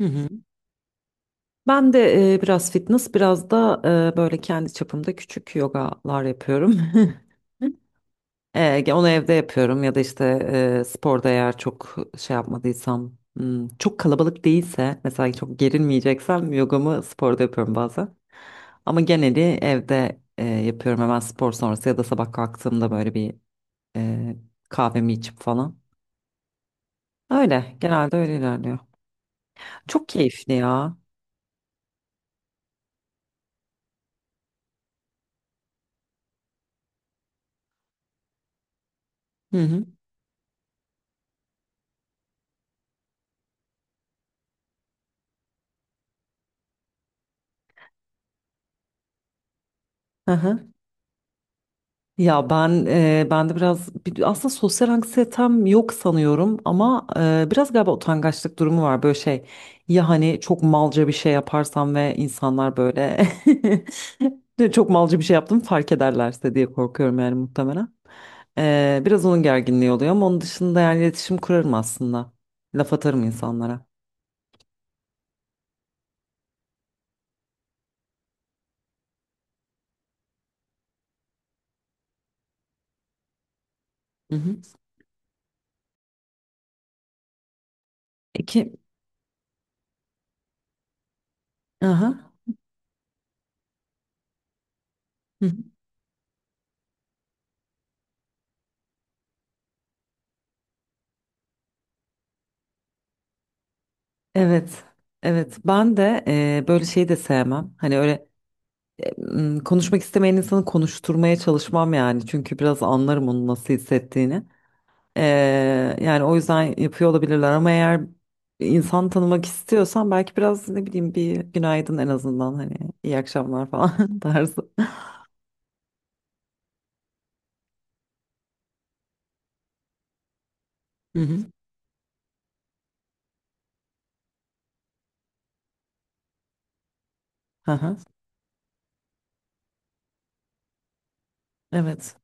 Hı hı. Ben de biraz fitness, biraz da böyle kendi çapımda küçük yogalar yapıyorum. Onu evde yapıyorum ya da işte sporda eğer çok şey yapmadıysam çok kalabalık değilse mesela çok gerilmeyeceksem yogamı sporda yapıyorum bazen. Ama geneli evde yapıyorum hemen spor sonrası ya da sabah kalktığımda böyle bir e, kahvemi içip falan. Öyle genelde öyle ilerliyor. Çok keyifli ya. Hı hı. Hı hı. Ya ben de biraz aslında sosyal anksiyetem yok sanıyorum ama biraz galiba utangaçlık durumu var böyle şey, ya hani çok malca bir şey yaparsam ve insanlar böyle çok malca bir şey yaptım fark ederlerse diye korkuyorum yani muhtemelen. Biraz onun gerginliği oluyor ama onun dışında yani iletişim kurarım aslında, laf atarım insanlara. Hı hı. İki, aha. Hı hı. Evet. Evet ben de böyle şeyi de sevmem. Hani öyle konuşmak istemeyen insanı konuşturmaya çalışmam yani. Çünkü biraz anlarım onun nasıl hissettiğini. Yani o yüzden yapıyor olabilirler ama eğer insan tanımak istiyorsan belki biraz ne bileyim bir günaydın en azından, hani iyi akşamlar falan tarzı. Hı hı. Aha, evet.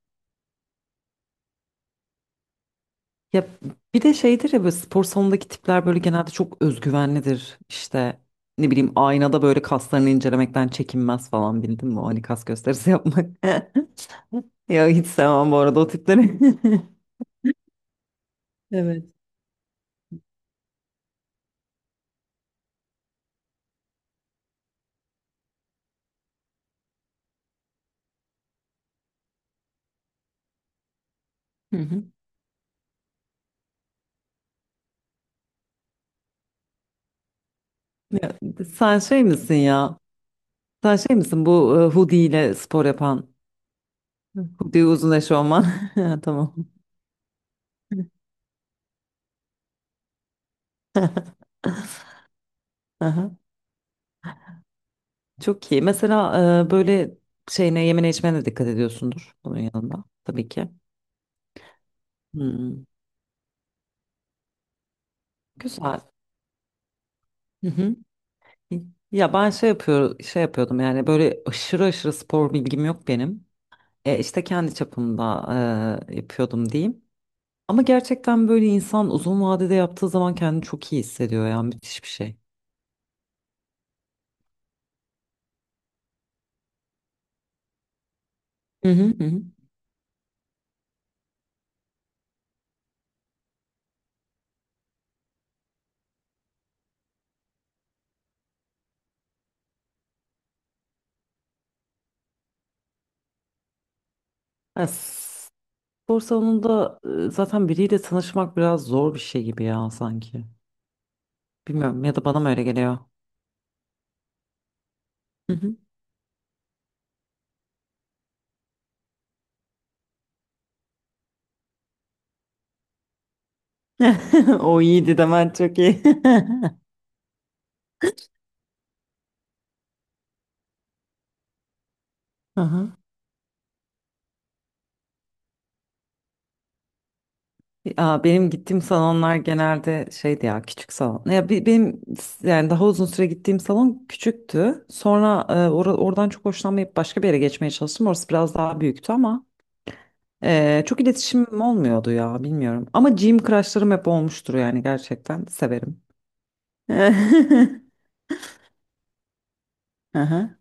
Ya bir de şeydir ya, böyle spor salonundaki tipler böyle genelde çok özgüvenlidir. İşte ne bileyim aynada böyle kaslarını incelemekten çekinmez falan, bildin mi? O hani kas gösterisi yapmak. Ya hiç sevmem bu arada o tipleri. Evet. Hı hı. Ya, sen şey misin ya? Sen şey misin bu hoodie ile spor yapan? Hoodie uzun eşofman. Ha, tamam. Aha, çok iyi. Mesela böyle şeyine yemene içmene de dikkat ediyorsundur bunun yanında tabii ki. Hmm, güzel. Hı hı. Ya şey yapıyordum yani böyle aşırı aşırı spor bilgim yok benim. İşte kendi çapımda yapıyordum diyeyim. Ama gerçekten böyle insan uzun vadede yaptığı zaman kendini çok iyi hissediyor yani müthiş bir şey. Hı hı hı hı. Ya spor salonunda zaten biriyle tanışmak biraz zor bir şey gibi ya sanki. Bilmiyorum, ya da bana mı öyle geliyor? Hı hı. O iyiydi de ben çok iyi. Aha. Ya benim gittiğim salonlar genelde şeydi ya, küçük salon. Yani daha uzun süre gittiğim salon küçüktü. Sonra oradan çok hoşlanmayıp başka bir yere geçmeye çalıştım. Orası biraz daha büyüktü ama çok iletişimim olmuyordu ya, bilmiyorum. Ama gym crushlarım hep olmuştur yani, gerçekten severim. Aha,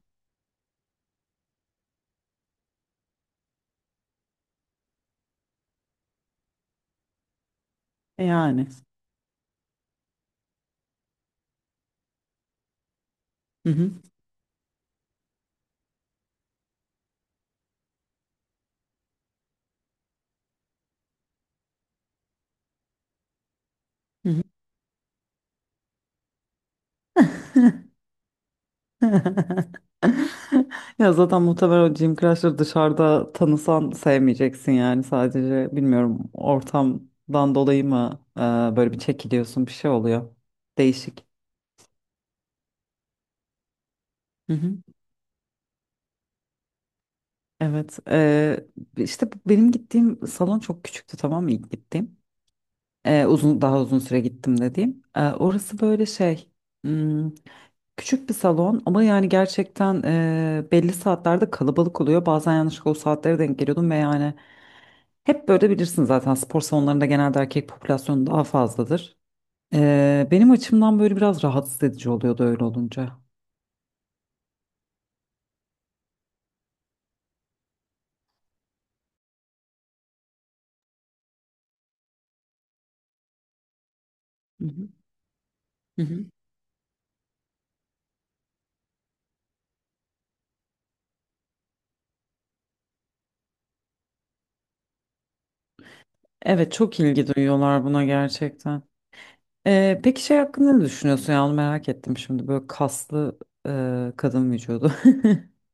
yani. Hı hı. Hı hı. Ya zaten muhtemelen o Jim Crash'ı dışarıda tanısan sevmeyeceksin yani, sadece bilmiyorum, ortamdan dolayı mı böyle bir çekiliyorsun, bir şey oluyor. Değişik. Hı hı. Evet işte benim gittiğim salon çok küçüktü, tamam mı, ilk gittiğim. E, uzun Daha uzun süre gittim dediğim. Orası böyle şey, hmm, küçük bir salon ama yani gerçekten belli saatlerde kalabalık oluyor. Bazen yanlışlıkla o saatlere denk geliyordum ve yani hep böyle bilirsin zaten, spor salonlarında genelde erkek popülasyonu daha fazladır. Benim açımdan böyle biraz rahatsız edici oluyordu öyle olunca. Hı hı, hı hı. Evet, çok ilgi duyuyorlar buna gerçekten. Peki şey hakkında ne düşünüyorsun, ya onu merak ettim şimdi, böyle kaslı kadın vücudu.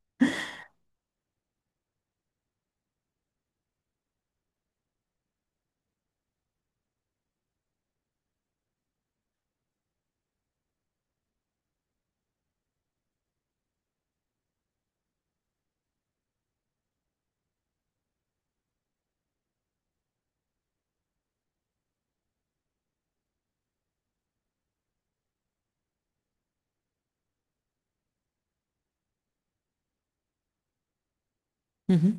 Hı hı.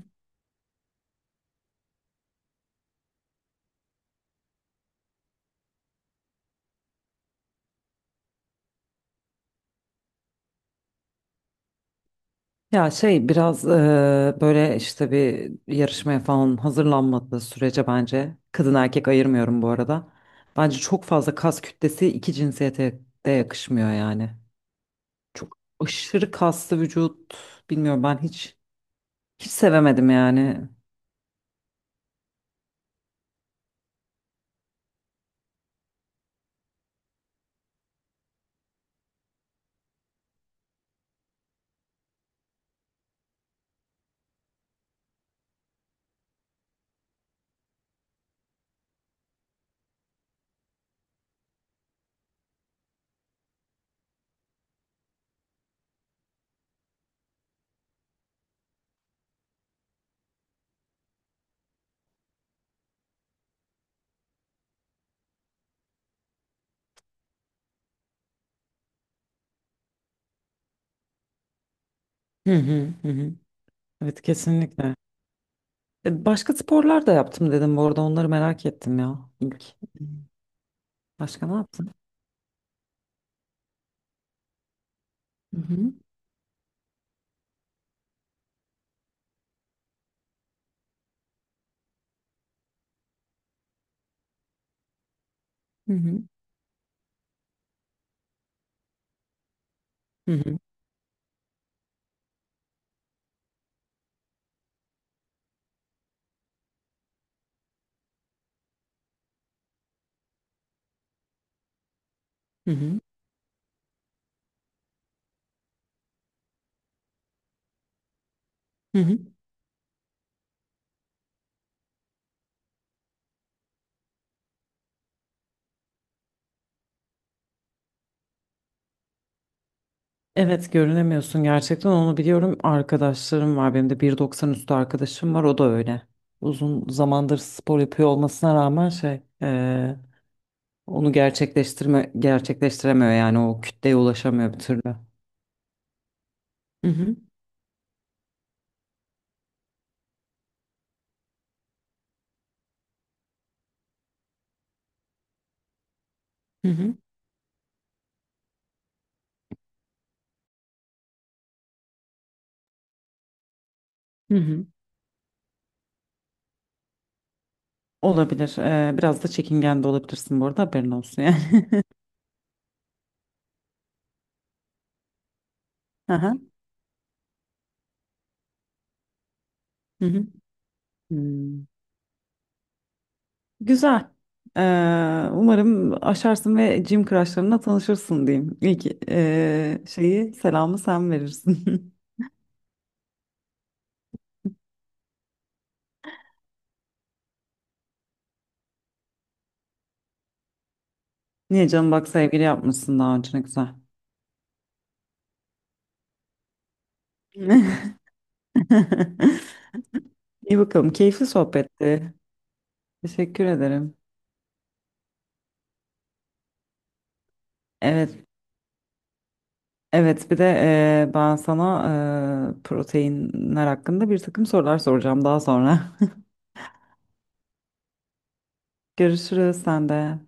Ya şey biraz böyle işte, bir yarışmaya falan hazırlanmadığı sürece bence kadın erkek ayırmıyorum bu arada. Bence çok fazla kas kütlesi iki cinsiyete de yakışmıyor yani. Çok aşırı kaslı vücut bilmiyorum, ben hiç sevemedim yani. Hı hı hı hı. Evet, kesinlikle. E, başka sporlar da yaptım dedim bu arada, onları merak ettim ya ilk. Başka ne yaptın? Hı hı hı hı hı hı hı hı. Evet, görünemiyorsun gerçekten, onu biliyorum. Arkadaşlarım var, benim de 1.90 üstü arkadaşım var, o da öyle. Uzun zamandır spor yapıyor olmasına rağmen şey onu gerçekleştirme gerçekleştiremiyor yani, o kütleye ulaşamıyor bir türlü. Hı hı, hı hı, hı hı, olabilir. Biraz da çekingen de olabilirsin bu arada, haberin olsun yani. Aha, hı hı. Hmm. Güzel. Ee, Umarım aşarsın ve Jim crushlarına tanışırsın diyeyim. İlk şeyi selamı sen verirsin. Niye canım, bak sevgili yapmışsın daha önce, ne güzel. İyi bakalım, keyifli sohbetti. Teşekkür ederim. Evet, evet bir de ben sana proteinler hakkında bir takım sorular soracağım daha sonra. Görüşürüz sen de.